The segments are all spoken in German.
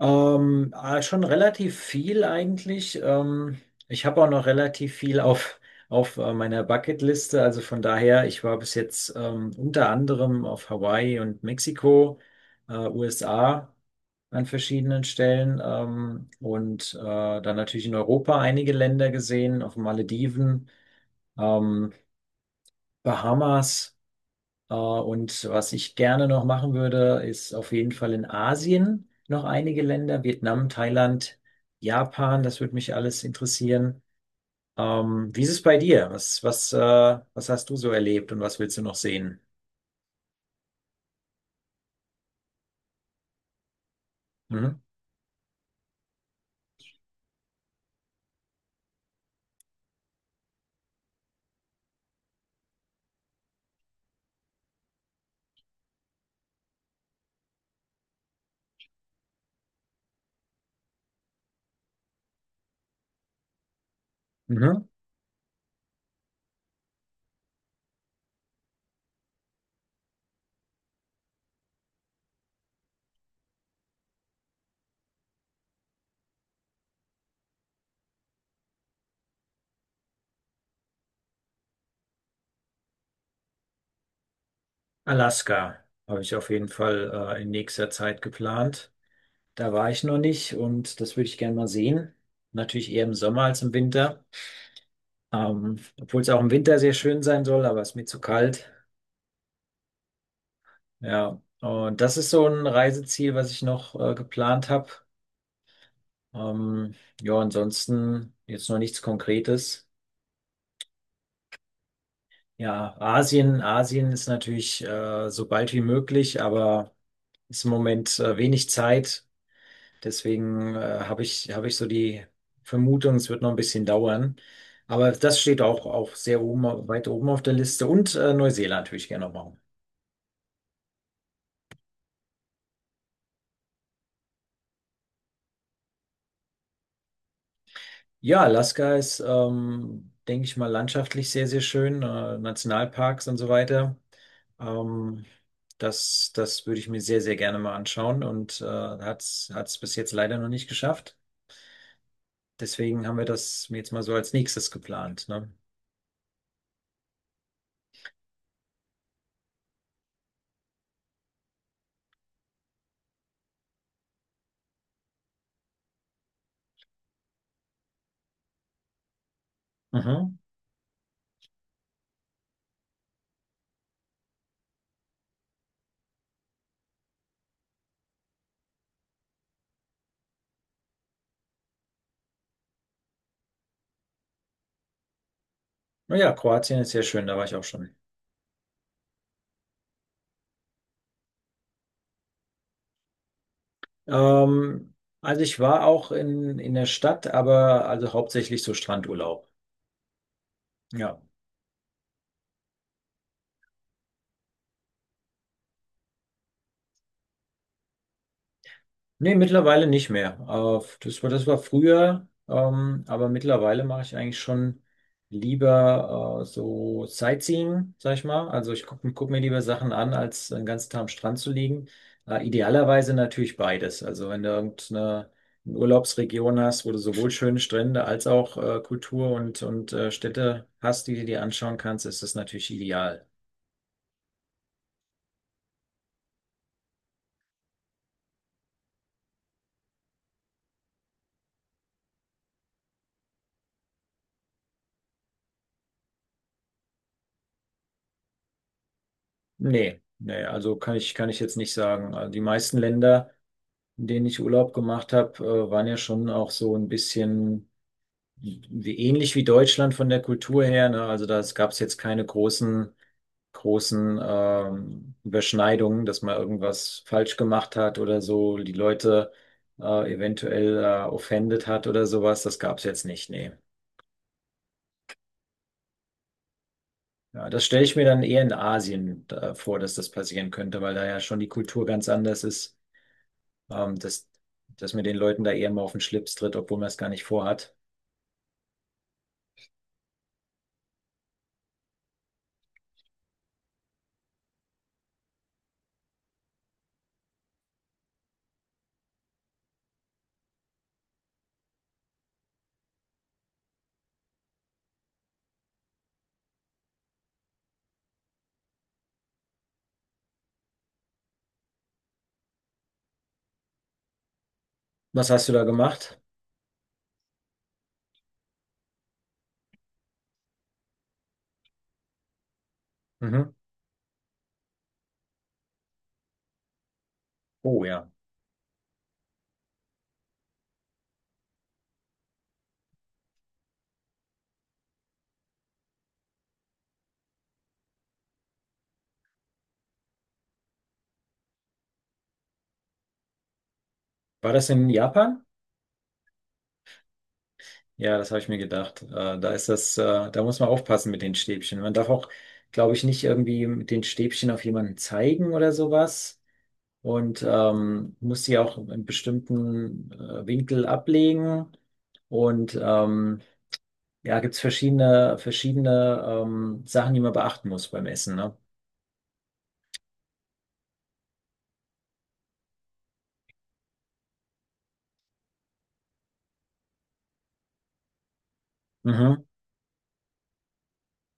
Schon relativ viel eigentlich. Ich habe auch noch relativ viel auf meiner Bucketliste. Also von daher, ich war bis jetzt unter anderem auf Hawaii und Mexiko, USA an verschiedenen Stellen und dann natürlich in Europa einige Länder gesehen, auf den Malediven, ähm, Bahamas. Und was ich gerne noch machen würde, ist auf jeden Fall in Asien noch einige Länder, Vietnam, Thailand, Japan, das würde mich alles interessieren. Wie ist es bei dir? Was hast du so erlebt und was willst du noch sehen? Mhm. Mhm. Alaska habe ich auf jeden Fall in nächster Zeit geplant. Da war ich noch nicht und das würde ich gerne mal sehen. Natürlich eher im Sommer als im Winter, obwohl es auch im Winter sehr schön sein soll, aber es ist mir zu kalt. Ja, und das ist so ein Reiseziel, was ich noch geplant habe. Ähm, ja, ansonsten jetzt noch nichts Konkretes. Ja, Asien, Asien ist natürlich so bald wie möglich, aber ist im Moment wenig Zeit. Deswegen habe ich so die Vermutung, es wird noch ein bisschen dauern. Aber das steht auch sehr oben, weit oben auf der Liste. Und Neuseeland würde ich gerne noch machen. Ja, Alaska ist, denke ich mal, landschaftlich sehr schön, Nationalparks und so weiter. Ähm, das würde ich mir sehr gerne mal anschauen und hat's bis jetzt leider noch nicht geschafft. Deswegen haben wir das jetzt mal so als nächstes geplant, ne? Mhm. Naja, Kroatien ist sehr schön, da war ich auch schon. Ähm, also ich war auch in der Stadt, aber also hauptsächlich so Strandurlaub. Ja. Nee, mittlerweile nicht mehr. Das war, das war früher, aber mittlerweile mache ich eigentlich schon lieber so Sightseeing, sag ich mal. Also ich guck mir lieber Sachen an, als den ganzen Tag am Strand zu liegen. Idealerweise natürlich beides. Also wenn du irgendeine eine Urlaubsregion hast, wo du sowohl schöne Strände als auch Kultur und Städte hast, die du dir anschauen kannst, ist das natürlich ideal. Nee, nee, also kann ich jetzt nicht sagen. Also die meisten Länder. In denen ich Urlaub gemacht habe, waren ja schon auch so ein bisschen ähnlich wie Deutschland von der Kultur her. Ne? Also da gab es jetzt keine großen Überschneidungen, dass man irgendwas falsch gemacht hat oder so, die Leute eventuell offendet hat oder sowas. Das gab es jetzt nicht, nee. Ja, das stelle ich mir dann eher in Asien vor, dass das passieren könnte, weil da ja schon die Kultur ganz anders ist, ähm, dass, dass man den Leuten da eher mal auf den Schlips tritt, obwohl man es gar nicht vorhat. Was hast du da gemacht? Mhm. Oh ja. War das in Japan? Ja, das habe ich mir gedacht. Da ist das, da muss man aufpassen mit den Stäbchen. Man darf auch, glaube ich, nicht irgendwie mit den Stäbchen auf jemanden zeigen oder sowas. Und muss die auch in einem bestimmten Winkel ablegen. Und ja, gibt es verschiedene Sachen, die man beachten muss beim Essen, ne? Mhm.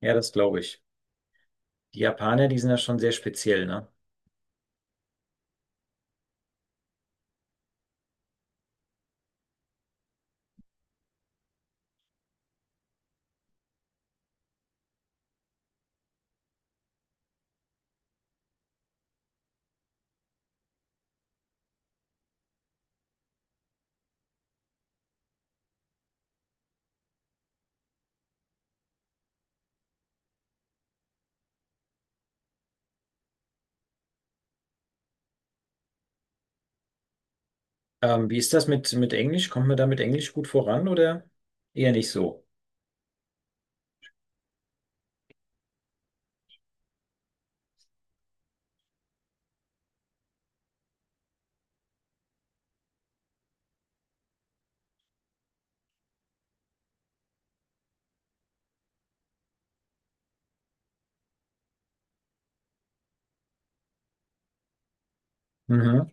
Ja, das glaube ich. Die Japaner, die sind ja schon sehr speziell, ne? Wie ist das mit Englisch? Kommt man da mit Englisch gut voran oder eher nicht so? Mhm.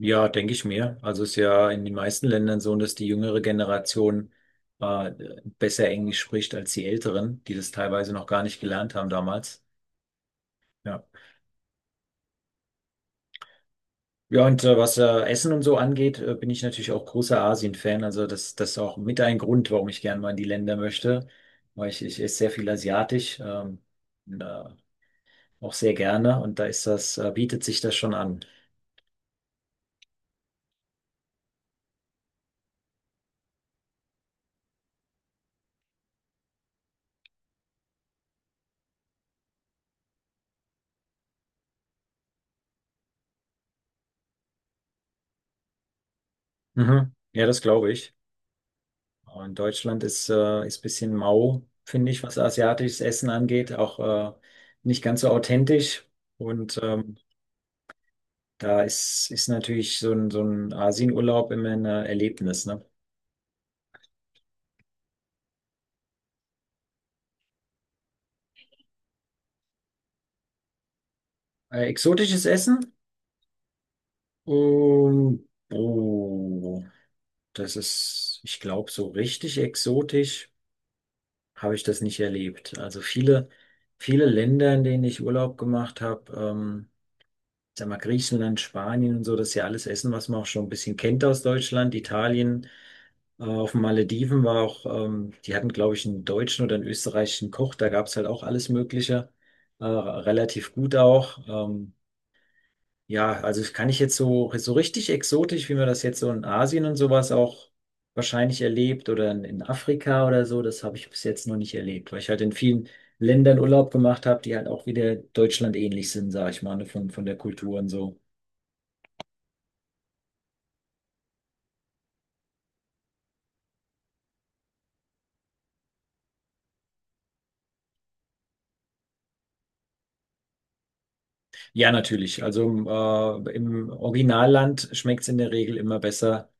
Ja, denke ich mir. Also ist ja in den meisten Ländern so, dass die jüngere Generation äh, besser Englisch spricht als die Älteren, die das teilweise noch gar nicht gelernt haben damals. Ja. Ja, und was Essen und so angeht, bin ich natürlich auch großer Asien-Fan. Also das, das ist auch mit ein Grund, warum ich gerne mal in die Länder möchte, weil ich esse sehr viel asiatisch, und auch sehr gerne und da ist das, bietet sich das schon an. Mhm. Ja, das glaube ich. In Deutschland ist ist bisschen mau, finde ich, was asiatisches Essen angeht, auch nicht ganz so authentisch. Und da ist natürlich so ein Asienurlaub immer ein Erlebnis, ne? Exotisches Essen? Um, oh, das ist, ich glaube, so richtig exotisch habe ich das nicht erlebt. Also viele Länder, in denen ich Urlaub gemacht habe. Sag mal, Griechenland, Spanien und so, das ist ja alles Essen, was man auch schon ein bisschen kennt aus Deutschland, Italien. Auf den Malediven war auch, die hatten, glaube ich, einen deutschen oder einen österreichischen Koch, da gab es halt auch alles Mögliche, relativ gut auch. Ja, also das kann ich jetzt so, so richtig exotisch, wie man das jetzt so in Asien und sowas auch wahrscheinlich erlebt oder in Afrika oder so, das habe ich bis jetzt noch nicht erlebt, weil ich halt in vielen Ländern Urlaub gemacht habe, die halt auch wieder Deutschland ähnlich sind, sage ich mal, ne, von der Kultur und so. Ja, natürlich. Also im Originalland schmeckt es in der Regel immer besser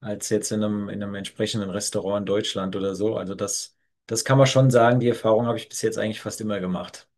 als jetzt in einem entsprechenden Restaurant in Deutschland oder so. Also das, das kann man schon sagen. Die Erfahrung habe ich bis jetzt eigentlich fast immer gemacht.